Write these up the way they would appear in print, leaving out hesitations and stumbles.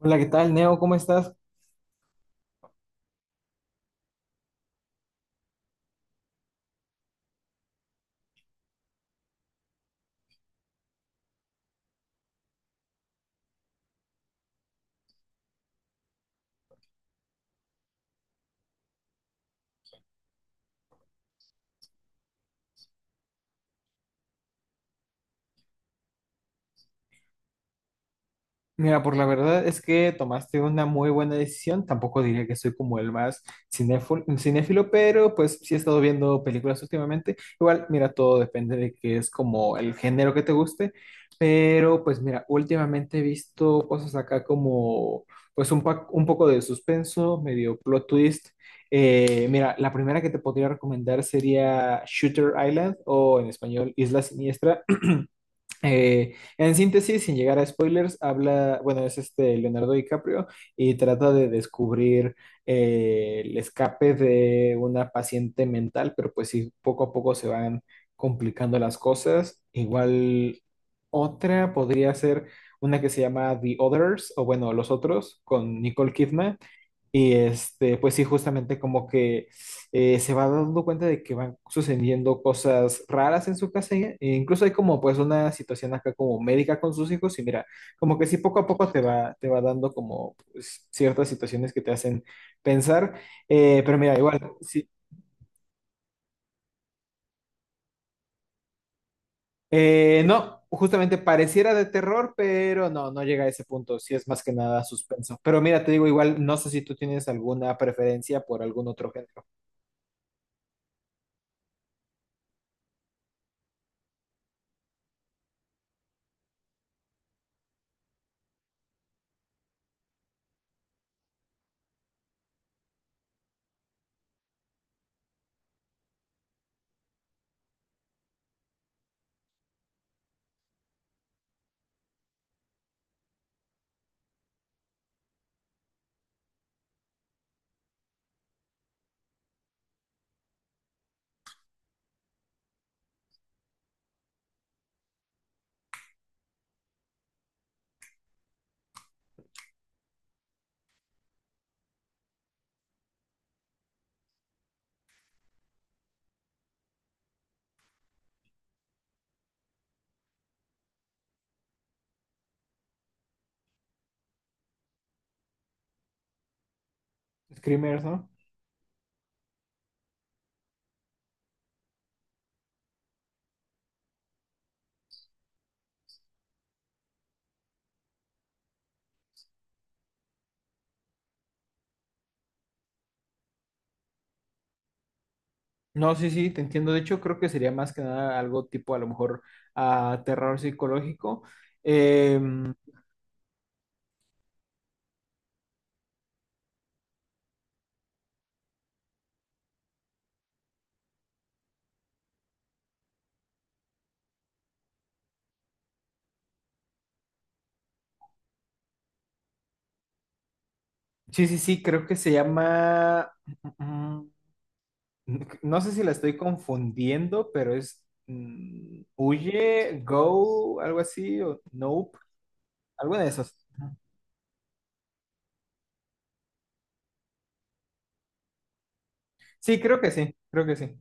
Hola, ¿qué tal, Neo? ¿Cómo estás? Mira, por la verdad es que tomaste una muy buena decisión. Tampoco diría que soy como el más cinéfilo, cinéfilo, pero pues sí he estado viendo películas últimamente. Igual, mira, todo depende de que es como el género que te guste. Pero pues mira, últimamente he visto cosas acá como pues un, un poco de suspenso, medio plot twist. Mira, la primera que te podría recomendar sería Shooter Island o en español Isla Siniestra. En síntesis, sin llegar a spoilers, habla, bueno, es este Leonardo DiCaprio y trata de descubrir el escape de una paciente mental, pero pues sí, poco a poco se van complicando las cosas. Igual otra podría ser una que se llama The Others, o bueno, Los Otros, con Nicole Kidman. Y este, pues sí, justamente como que se va dando cuenta de que van sucediendo cosas raras en su casa, e incluso hay como pues una situación acá como médica con sus hijos y mira, como que sí poco a poco te va dando como pues, ciertas situaciones que te hacen pensar. Pero mira, igual, sí. No, justamente pareciera de terror, pero no, no llega a ese punto. Sí es más que nada suspenso. Pero mira, te digo igual, no sé si tú tienes alguna preferencia por algún otro género. Screamers, ¿no? No, sí, sí, te entiendo. De hecho, creo que sería más que nada algo tipo a lo mejor a terror psicológico. Em, sí, sí, sí, creo que se llama... No sé si la estoy confundiendo, pero es Huye, Go, algo así, o Nope, alguna de esas. Sí, creo que sí, creo que sí.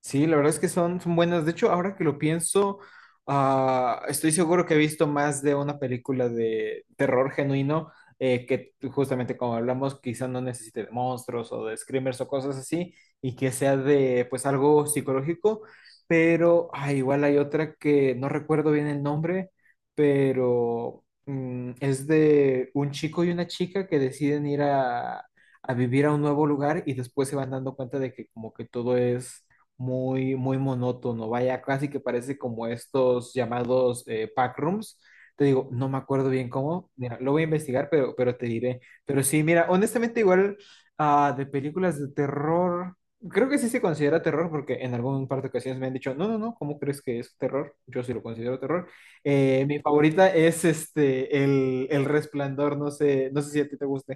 Sí, la verdad es que son, son buenas. De hecho, ahora que lo pienso, estoy seguro que he visto más de una película de terror genuino, que justamente como hablamos, quizá no necesite de monstruos o de screamers o cosas así, y que sea de pues algo psicológico, pero igual hay otra que no recuerdo bien el nombre, pero es de un chico y una chica que deciden ir a vivir a un nuevo lugar y después se van dando cuenta de que como que todo es muy, muy monótono, vaya, casi que parece como estos llamados pack rooms. Te digo, no me acuerdo bien cómo, mira, lo voy a investigar, pero te diré. Pero sí, mira, honestamente igual de películas de terror, creo que sí se considera terror porque en algún par de ocasiones me han dicho, no, no, no, ¿cómo crees que es terror? Yo sí lo considero terror. Mi favorita es este, el Resplandor, no sé, no sé si a ti te gusta.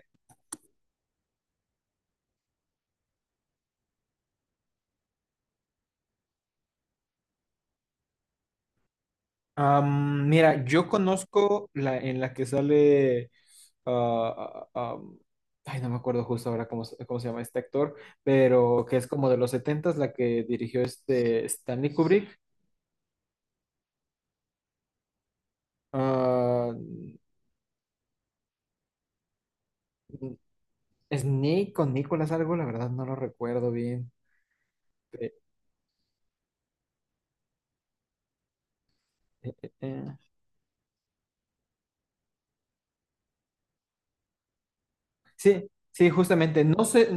Mira, yo conozco la en la que sale. ah, ah, ah, am, ay, no me acuerdo justo ahora cómo, cómo se llama este actor, pero que es como de los setentas la que dirigió este Stanley Kubrick. Ah, Snake con Nicolas algo, la verdad no lo recuerdo bien. Eh, eh, eh, eh. Sí, sí, justamente. No sé.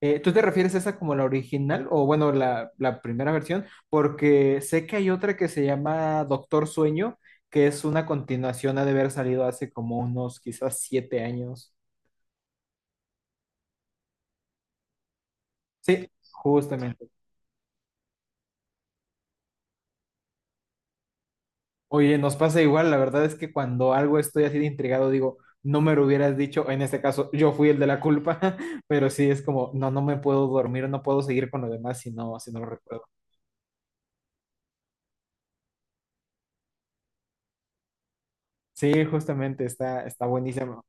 ¿Tú te refieres a esa como la original o bueno, la primera versión? Porque sé que hay otra que se llama Doctor Sueño, que es una continuación, ha de haber salido hace como unos quizás 7 años. Sí, justamente. Oye, nos pasa igual, la verdad es que cuando algo estoy así de intrigado, digo, no me lo hubieras dicho, en este caso yo fui el de la culpa, pero sí es como, no, no me puedo dormir, no puedo seguir con lo demás si no, si no lo recuerdo. Sí, justamente, está, está buenísimo.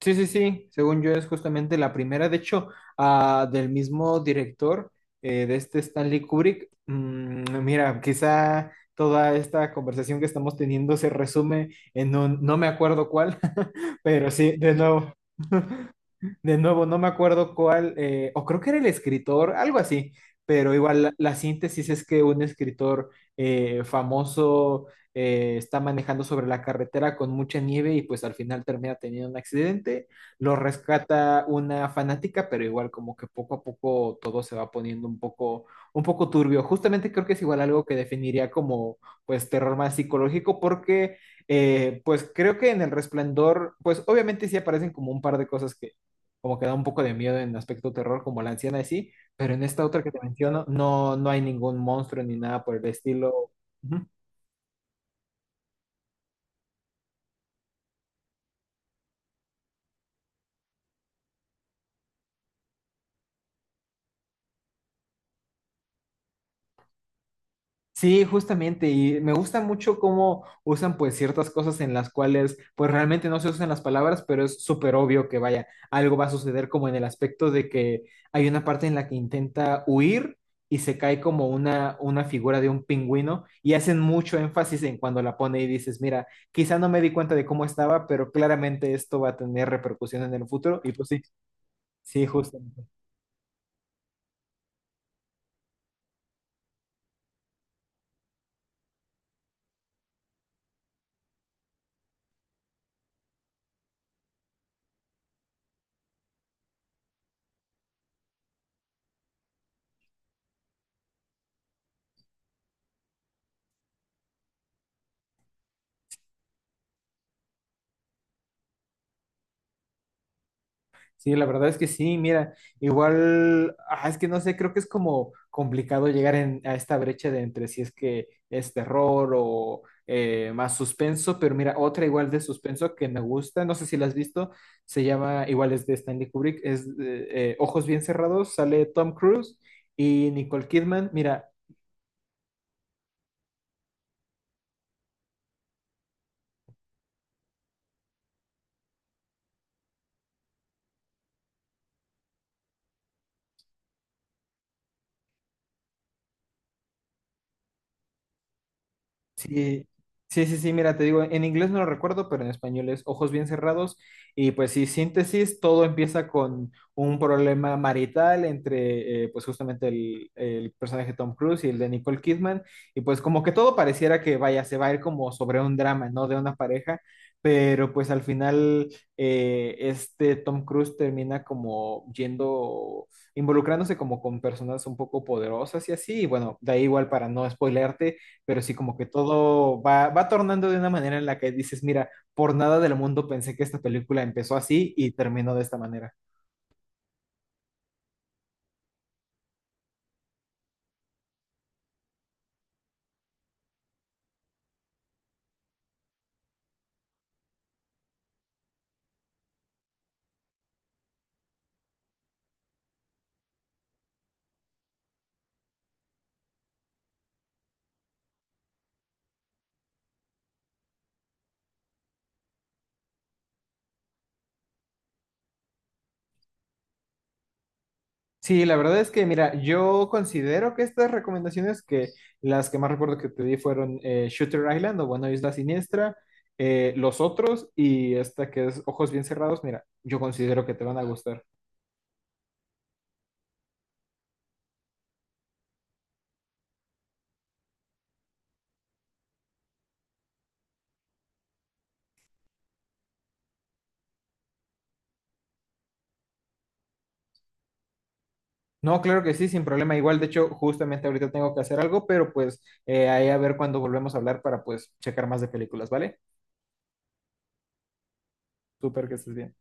Sí, sí, sí, según yo es justamente la primera, de hecho, del mismo director de este Stanley Kubrick. Mm, mira, quizá toda esta conversación que estamos teniendo se resume en un no me acuerdo cuál, pero sí, de nuevo. De nuevo, no me acuerdo cuál, o creo que era el escritor, algo así, pero igual la, la síntesis es que un escritor famoso está manejando sobre la carretera con mucha nieve y pues al final termina teniendo un accidente, lo rescata una fanática, pero igual como que poco a poco todo se va poniendo un poco turbio. Justamente creo que es igual algo que definiría como pues terror más psicológico porque... pues creo que en El Resplandor, pues obviamente sí aparecen como un par de cosas que, como que da un poco de miedo en aspecto terror, como la anciana y sí, pero en esta otra que te menciono, no, no hay ningún monstruo ni nada por el estilo. Ujú. Sí, justamente, y me gusta mucho cómo usan pues ciertas cosas en las cuales pues realmente no se usan las palabras, pero es súper obvio que vaya, algo va a suceder como en el aspecto de que hay una parte en la que intenta huir y se cae como una figura de un pingüino y hacen mucho énfasis en cuando la pone y dices, mira, quizá no me di cuenta de cómo estaba, pero claramente esto va a tener repercusión en el futuro y pues sí, sí, justo. Sí, la verdad es que sí, mira, igual, es que no sé, creo que es como complicado llegar a esta brecha de entre si es que es terror o más suspenso, pero mira, otra igual de suspenso que me gusta, no sé si la has visto, se llama, igual es de Stanley Kubrick, es Ojos bien cerrados, sale Tom Cruise y Nicole Kidman, mira, Sí, sí, sí, mira, te digo, en inglés no lo recuerdo, pero en español es Ojos bien cerrados y pues sí, síntesis, todo empieza con un problema marital entre pues justamente el personaje de Tom Cruise y el de Nicole Kidman y pues como que todo pareciera que vaya, se va a ir como sobre un drama, ¿no? De una pareja, pero pues al final este Tom Cruise termina como yendo, involucrándose como con personas un poco poderosas y así, y bueno, da igual para no spoilearte, pero sí como que todo va, va tornando de una manera en la que dices, mira, por nada del mundo pensé que esta película empezó así y terminó de esta manera. Sí, la verdad es que, mira, yo considero que estas recomendaciones, que las que más recuerdo que te di fueron Shooter Island o bueno, Isla Siniestra, Los Otros y esta que es Ojos Bien Cerrados, mira, yo considero que te van a gustar. No, claro que sí, sin problema. Igual, de hecho, justamente ahorita tengo que hacer algo, pero pues ahí a ver cuando volvemos a hablar para pues checar más de películas, ¿vale? Súper que estés bien.